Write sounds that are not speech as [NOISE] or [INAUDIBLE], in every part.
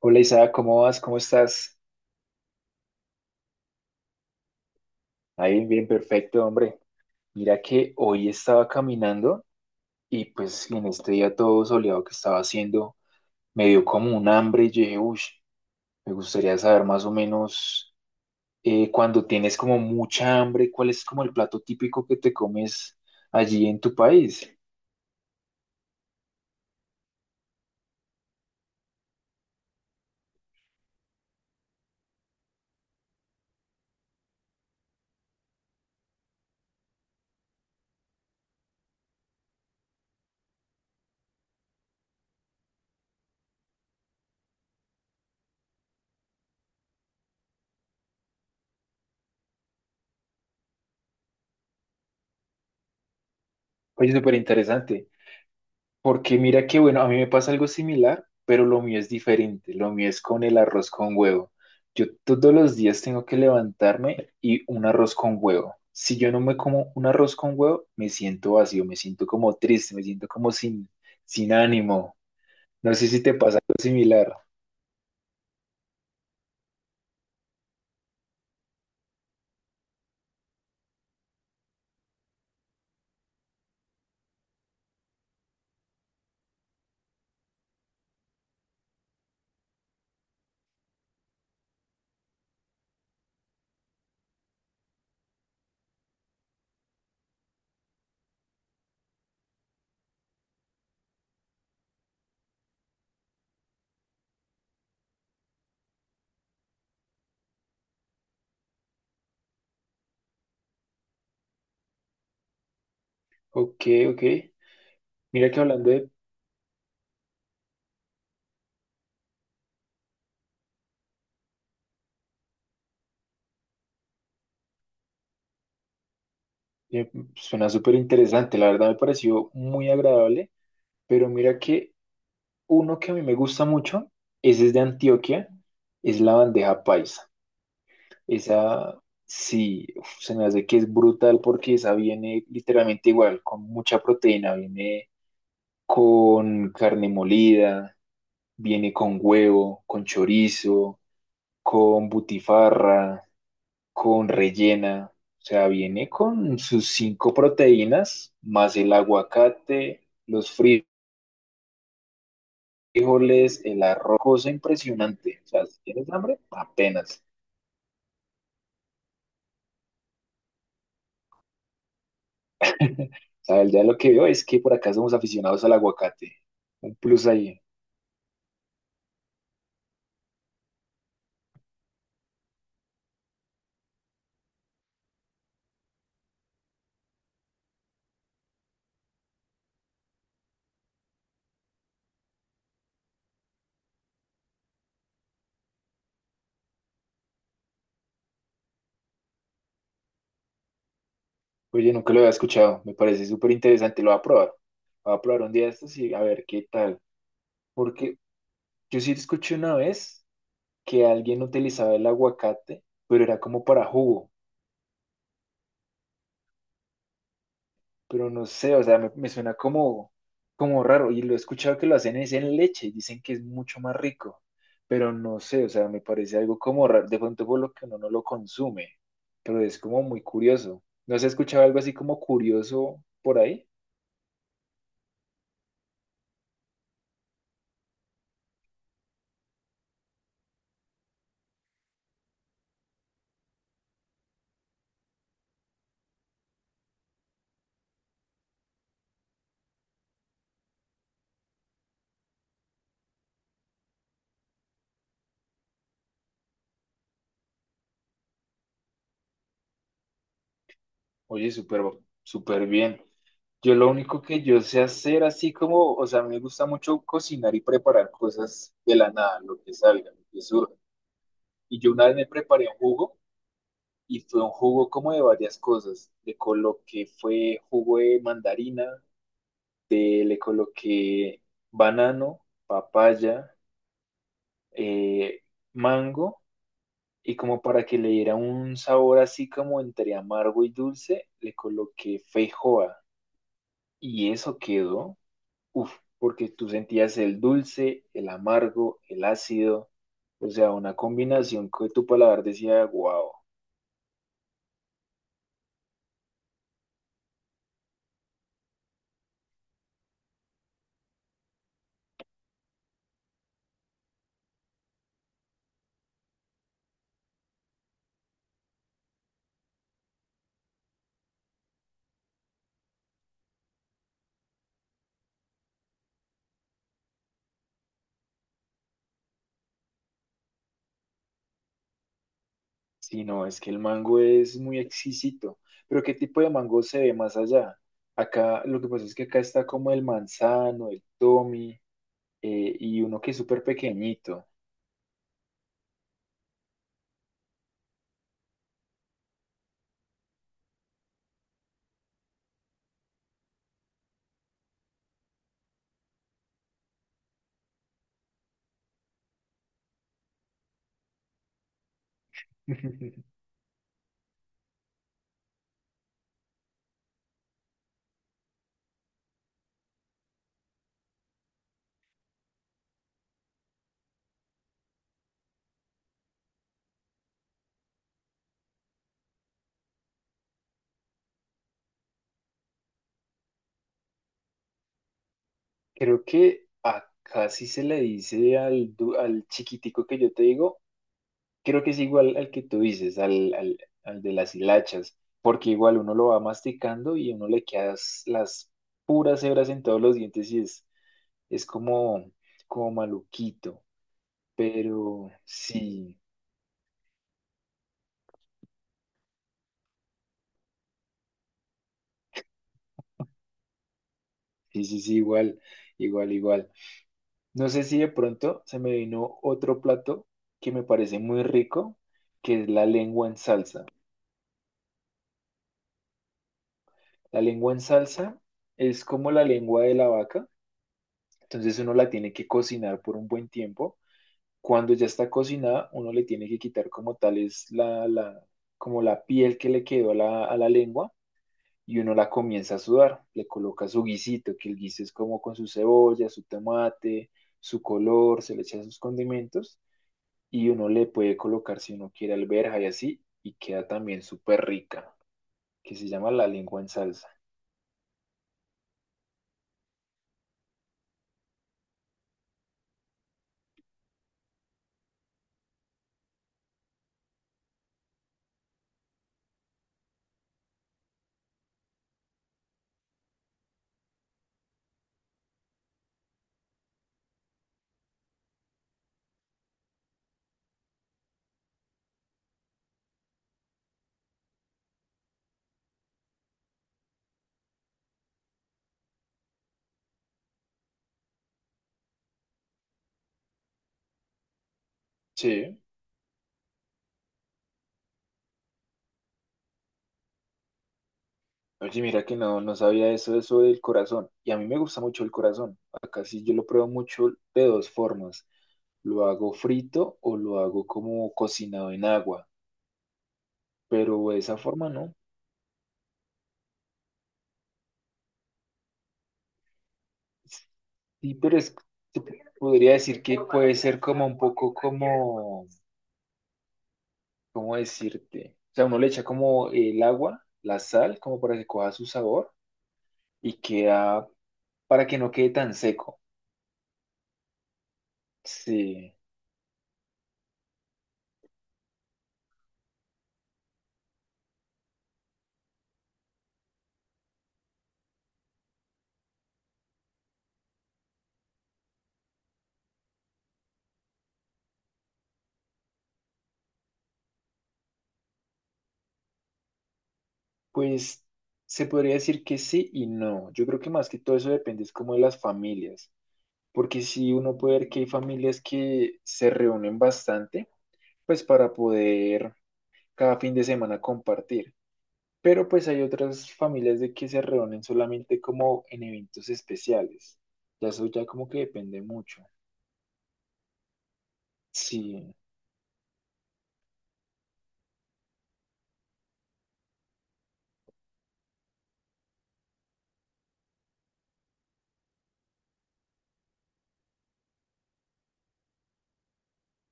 Hola Isa, ¿cómo vas? ¿Cómo estás? Ahí, bien, perfecto, hombre. Mira que hoy estaba caminando y pues en este día todo soleado que estaba haciendo, me dio como un hambre y yo dije, uy, me gustaría saber más o menos cuando tienes como mucha hambre, ¿cuál es como el plato típico que te comes allí en tu país? Oye, súper interesante. Porque mira que, bueno, a mí me pasa algo similar, pero lo mío es diferente. Lo mío es con el arroz con huevo. Yo todos los días tengo que levantarme y un arroz con huevo. Si yo no me como un arroz con huevo, me siento vacío, me siento como triste, me siento como sin, sin ánimo. No sé si te pasa algo similar. Ok, ok. Mira que hablando de... suena súper interesante, la verdad me pareció muy agradable, pero mira que uno que a mí me gusta mucho, ese es de Antioquia, es la bandeja paisa. Esa sí, uf, se me hace que es brutal porque esa viene literalmente igual, con mucha proteína, viene con carne molida, viene con huevo, con chorizo, con butifarra, con rellena. O sea, viene con sus 5 proteínas, más el aguacate, los frijoles. Frijoles, el arroz, cosa impresionante. O sea, si tienes hambre, apenas. [LAUGHS] O sea, ya lo que veo es que por acá somos aficionados al aguacate. Un plus ahí. Oye, nunca lo había escuchado. Me parece súper interesante. Lo voy a probar. Lo voy a probar un día de estos y a ver qué tal. Porque yo sí escuché una vez que alguien utilizaba el aguacate, pero era como para jugo. Pero no sé, o sea, me suena como, como raro y lo he escuchado que lo hacen es en leche, dicen que es mucho más rico, pero no sé, o sea, me parece algo como raro, de pronto por lo que uno no lo consume, pero es como muy curioso. ¿No has escuchado algo así como curioso por ahí? Oye, súper, súper bien. Yo lo único que yo sé hacer así como, o sea, me gusta mucho cocinar y preparar cosas de la nada, lo que salga, lo que surja. Y yo una vez me preparé un jugo y fue un jugo como de varias cosas. Le coloqué, fue jugo de mandarina, de- le coloqué banano, papaya, eh, mango, y como para que le diera un sabor así como entre amargo y dulce, le coloqué feijoa. Y eso quedó, uff, porque tú sentías el dulce, el amargo, el ácido, o sea, una combinación que tu paladar decía, wow. Sí, no, es que el mango es muy exquisito. Pero ¿qué tipo de mango se ve más allá? Acá, lo que pasa es que acá está como el manzano, el tommy, y uno que es súper pequeñito. [LAUGHS] Creo que acá sí se le dice al, du- al chiquitico que yo te digo, creo que es igual al que tú dices, al de las hilachas, porque igual uno lo va masticando y uno le queda s- las puras hebras en todos los dientes y es como, como maluquito. Pero sí, sí, sí, sí, igual, igual, igual. No sé si de pronto se me vino otro plato que me parece muy rico, que es la lengua en salsa. La lengua en salsa es como la lengua de la vaca, entonces uno la tiene que cocinar por un buen tiempo. Cuando ya está cocinada, uno le tiene que quitar como tal es como la piel que le quedó a la lengua y uno la comienza a sudar, le coloca su guisito, que el guiso es como con su cebolla, su tomate, su color, se le echa sus condimentos y uno le puede colocar si uno quiere alberja y así y queda también súper rica, que se llama la lengua en salsa. Sí. Oye, mira que no, no sabía eso, eso del corazón. Y a mí me gusta mucho el corazón. Acá sí yo lo pruebo mucho de 2 formas. Lo hago frito o lo hago como cocinado en agua. Pero de esa forma no. Sí, pero es, se podría decir que puede ser como un poco como, ¿cómo decirte? O sea, uno le echa como el agua, la sal, como para que coja su sabor y queda, para que no quede tan seco. Sí, pues se podría decir que sí y no. Yo creo que más que todo eso depende es como de las familias, porque si uno puede ver que hay familias que se reúnen bastante, pues para poder cada fin de semana compartir. Pero pues hay otras familias de que se reúnen solamente como en eventos especiales. Ya eso ya como que depende mucho. Sí.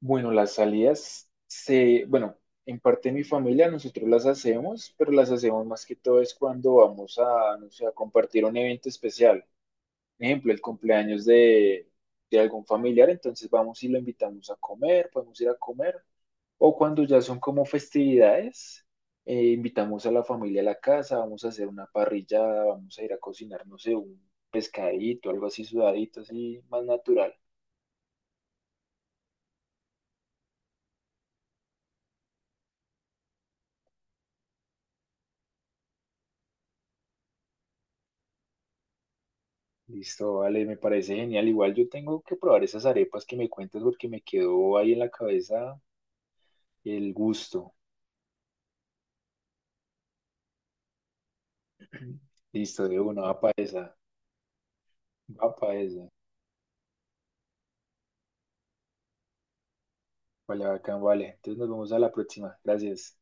Bueno, las salidas se, bueno, en parte de mi familia nosotros las hacemos, pero las hacemos más que todo es cuando vamos a, no sé, a compartir un evento especial. Ejemplo, el cumpleaños de algún familiar, entonces vamos y lo invitamos a comer, podemos ir a comer. O cuando ya son como festividades, invitamos a la familia a la casa, vamos a hacer una parrillada, vamos a ir a cocinar, no sé, un pescadito, algo así sudadito, así más natural. Listo, vale, me parece genial. Igual yo tengo que probar esas arepas que me cuentas porque me quedó ahí en la cabeza el gusto. Listo, de una, va para esa, va para esa. Vale, bacán, vale. Entonces nos vemos a la próxima. Gracias.